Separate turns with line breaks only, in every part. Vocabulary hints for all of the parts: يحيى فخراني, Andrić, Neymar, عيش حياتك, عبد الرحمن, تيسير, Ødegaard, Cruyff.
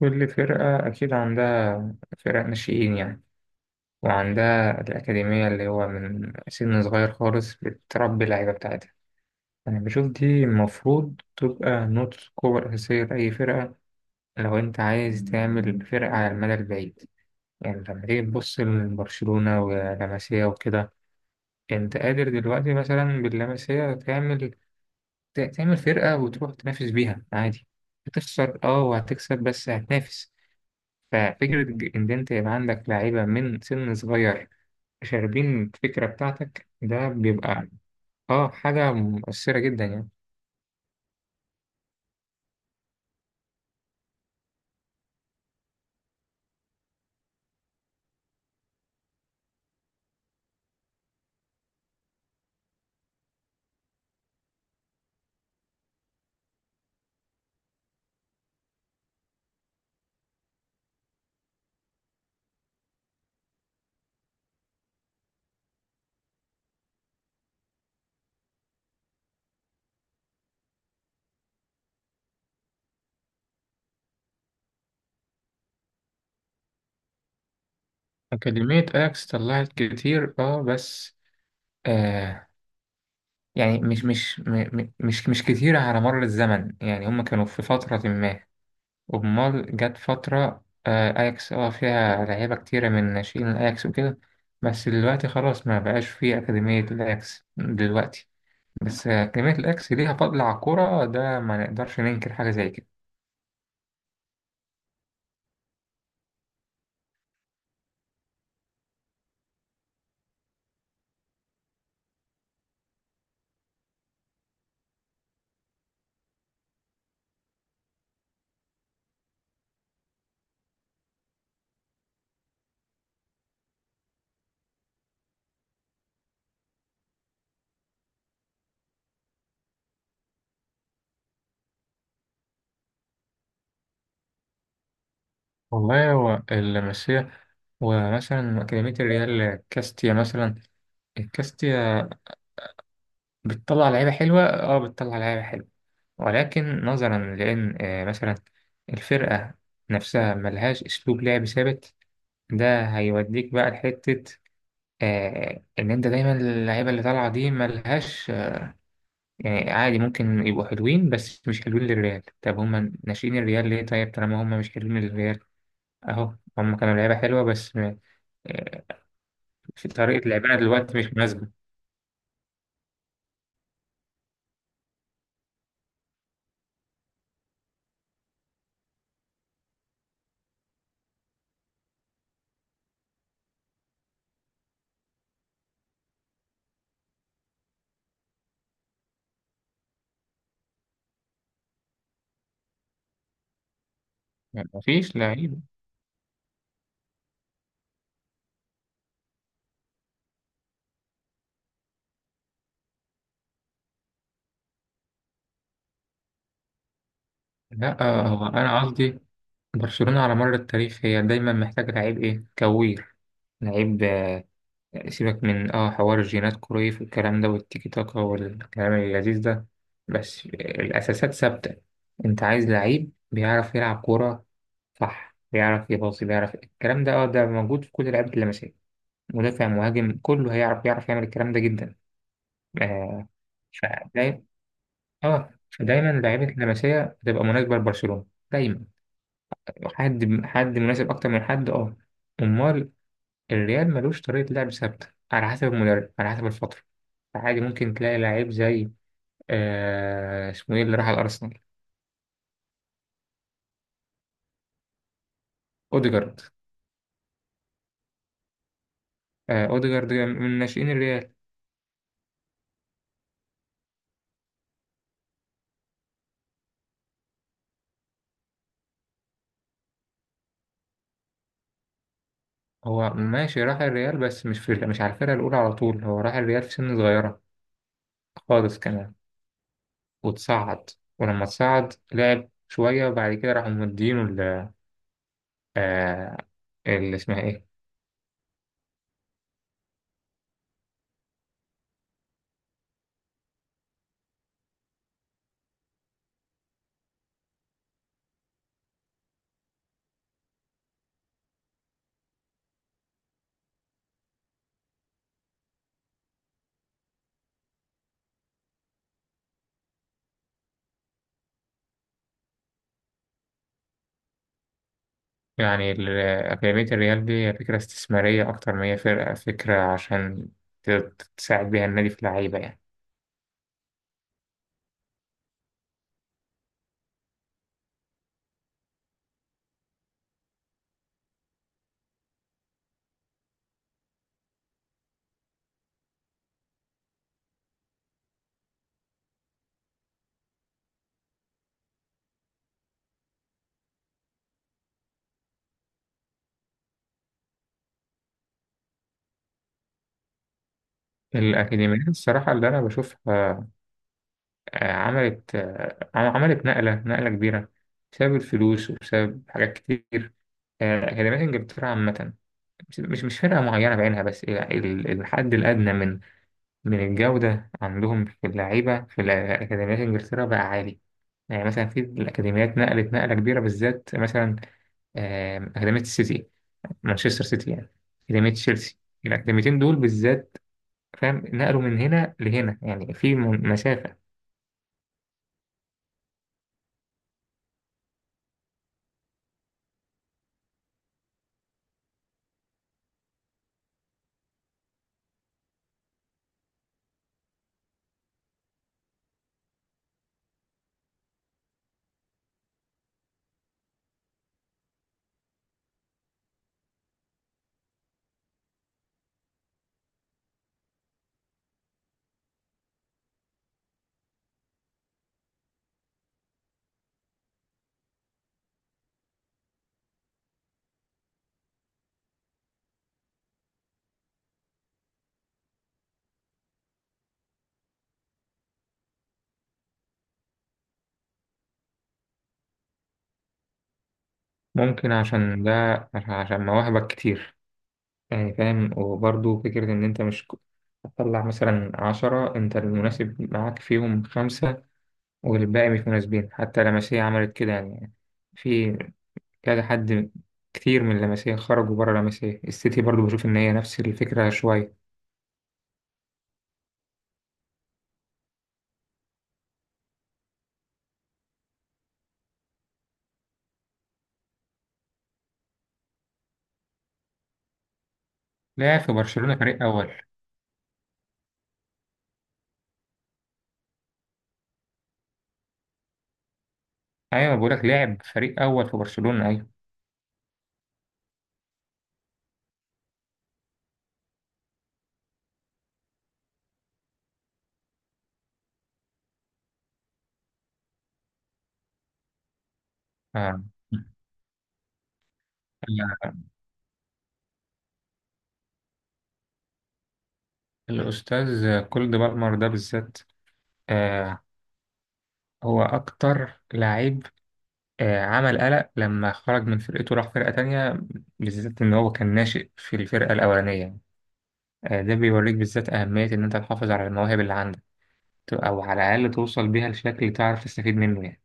كل فرقة أكيد عندها فرق ناشئين يعني، وعندها الأكاديمية اللي هو من سن صغير خالص بتربي اللعيبة بتاعتها. أنا بشوف دي المفروض تبقى نقطة قوة أساسية لأي فرقة، لو أنت عايز تعمل فرقة على المدى البعيد. يعني لما تيجي تبص لبرشلونة ولاماسيا وكده، أنت قادر دلوقتي مثلا باللاماسيا تعمل فرقة وتروح تنافس بيها عادي. هتخسر اه وهتكسب بس هتنافس. ففكرة إن أنت يبقى عندك لعيبة من سن صغير شاربين الفكرة بتاعتك، ده بيبقى آه حاجة مؤثرة جدا يعني. أكاديمية أياكس طلعت كتير آه بس، آه، يعني مش مش كتير على مر الزمن، يعني هما كانوا في فترة ما. أمال جت فترة، أياكس فيها لعيبة كتيرة من ناشئين الأياكس وكده، بس دلوقتي خلاص ما بقاش فيه أكاديمية الأياكس دلوقتي. بس كلمة الأكس ليها فضل على الكورة، ده ما نقدرش ننكر حاجة زي كده. والله هو اللمسية، ومثلا كلمة الريال كاستيا مثلا، الكاستيا بتطلع لعيبة حلوة، اه بتطلع لعيبة حلوة. ولكن نظرا لأن مثلا الفرقة نفسها ملهاش أسلوب لعب ثابت، ده هيوديك بقى لحتة إن أنت دايما اللعيبة اللي طالعة دي ملهاش يعني. عادي ممكن يبقوا حلوين بس مش حلوين للريال. طب هما ناشئين الريال ليه طيب طالما هما مش حلوين للريال؟ اهو هما كانوا لعيبة حلوة بس آه، في طريقة لعبنا دلوقتي مش مناسبة. يعني مفيش لعيب. لا هو أنا قصدي برشلونة على مر التاريخ هي دايما محتاجة لعيب إيه، كوير، لعيب آه، سيبك من اه حوار الجينات كرويف والكلام ده والتيكي تاكا والكلام اللذيذ ده، بس الأساسات ثابتة. أنت عايز لعيب بيعرف يلعب كورة، صح، بيعرف يباصي بيعرف الكلام ده اه، ده موجود في كل لعيبة اللمسية، مدافع مهاجم كله هيعرف يعرف يعمل الكلام ده جدا. آه، فدايما اه فدايما لعيبة اللمسية بتبقى مناسبة لبرشلونة، دايما. حد حد مناسب أكتر من حد اه. أمال الريال ملوش طريقة لعب ثابتة، على حسب المدرب على حسب الفترة. فعادي ممكن تلاقي لعيب زي، آه اسمه ايه اللي راح الأرسنال، أوديجارد. آه أوديجارد من ناشئين الريال. هو ماشي راح الريال بس مش على الفرقة الأولى على طول، هو راح الريال في سن صغيرة خالص كمان وتصعد، ولما تصعد لعب شوية وبعد كده راحوا مدينه ال آه، اللي اسمها إيه. يعني أكاديمية الريال دي فكرة استثمارية أكتر ما هي فرقة، فكرة عشان تساعد بيها النادي في اللعيبة يعني. الأكاديميات الصراحة اللي أنا بشوفها، عملت، عملت نقلة كبيرة بسبب الفلوس وبسبب حاجات كتير. آه، أكاديمية إنجلترا عامة، مش فرقة معينة بعينها، بس الحد الأدنى من من الجودة عندهم في اللعيبة في الأكاديميات إنجلترا بقى عالي. يعني مثلا في الأكاديميات نقلت نقلة كبيرة بالذات مثلا، أكاديمية السيتي، مانشستر سيتي يعني، أكاديمية تشيلسي، الأكاديميتين دول بالذات، فاهم، نقلوا من هنا لهنا يعني في مسافة. ممكن عشان ده، عشان مواهبك كتير، يعني فاهم. وبرضه فكرة إن أنت مش هتطلع مثلا عشرة أنت المناسب معاك فيهم خمسة والباقي مش مناسبين، حتى لمسية عملت كده يعني. في كذا حد، كتير من لمسية خرجوا بره لمسية، السيتي برضو بشوف إن هي نفس الفكرة شوية. لعب في برشلونة فريق أول. أيوة، بقولك لعب فريق أول في برشلونة، أيوة. آه. ال- الأستاذ كولد بالمر ده بالذات آه، هو أكتر لعيب آه عمل قلق لما خرج من فرقته راح فرقة تانية، بالذات إن هو كان ناشئ في الفرقة الأولانية. آه، ده بيوريك بالذات أهمية إن أنت تحافظ على المواهب اللي عندك، أو على الأقل توصل بيها لشكل تعرف تستفيد منه يعني.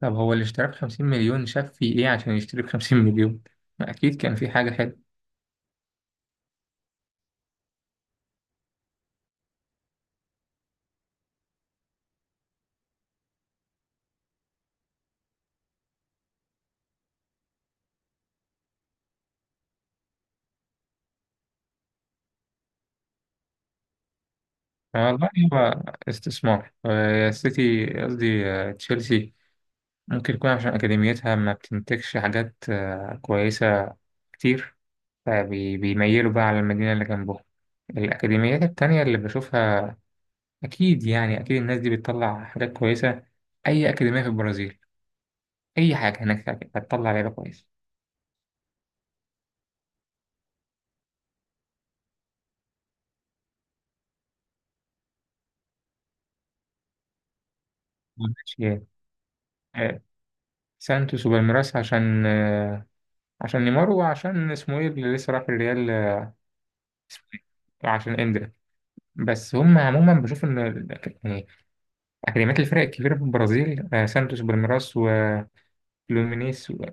طب هو اللي اشتراه بخمسين مليون شاف فيه إيه عشان يشتري بخمسين مليون؟ ما أكيد كان في حاجة حلوة. والله هو استثمار، السيتي قصدي، تشيلسي، ممكن يكون عشان أكاديميتها ما بتنتجش حاجات آه كويسة كتير، فبيميلوا بقى على المدينة اللي جنبهم. الأكاديميات التانية اللي بشوفها، أكيد يعني أكيد الناس دي بتطلع حاجات كويسة. أي أكاديمية في البرازيل، أي حاجة هناك هتطلع لعيبة كويسة. معلش يعني. آه، سانتوس وبالميراس عشان، آه، عشان نيمار وعشان اسمه ايه اللي لسه راح الريال، آه، اسمه ايه، وعشان اندريك. بس هم عموما بشوف ان يعني اكاديميات الفرق الكبيره في البرازيل، آه، سانتوس وبالميراس وفلومينيس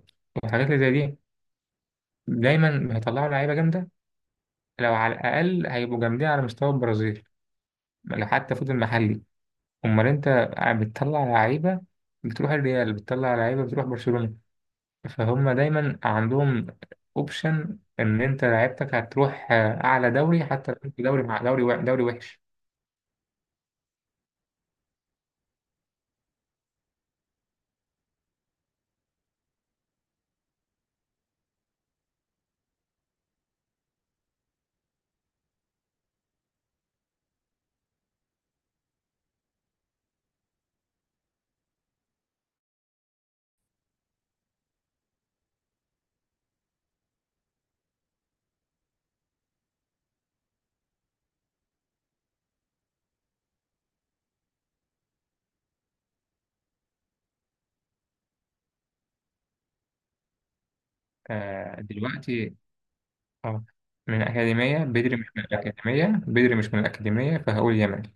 وحاجات اللي زي دي، دايما هيطلعوا لعيبه جامده. لو على الاقل هيبقوا جامدين على مستوى البرازيل لو حتى فضل محلي. امال انت بتطلع لعيبه بتروح الريال، بتطلع لعيبه بتروح برشلونه، فهم دايما عندهم اوبشن ان انت لعيبتك هتروح، آه، اعلى دوري، حتى لو انت دوري مع دوري دوري وحش. آه، دلوقتي اه، من اكاديميه بدري، مش من الاكاديميه بدري، مش من الاكاديميه، فهقول يامال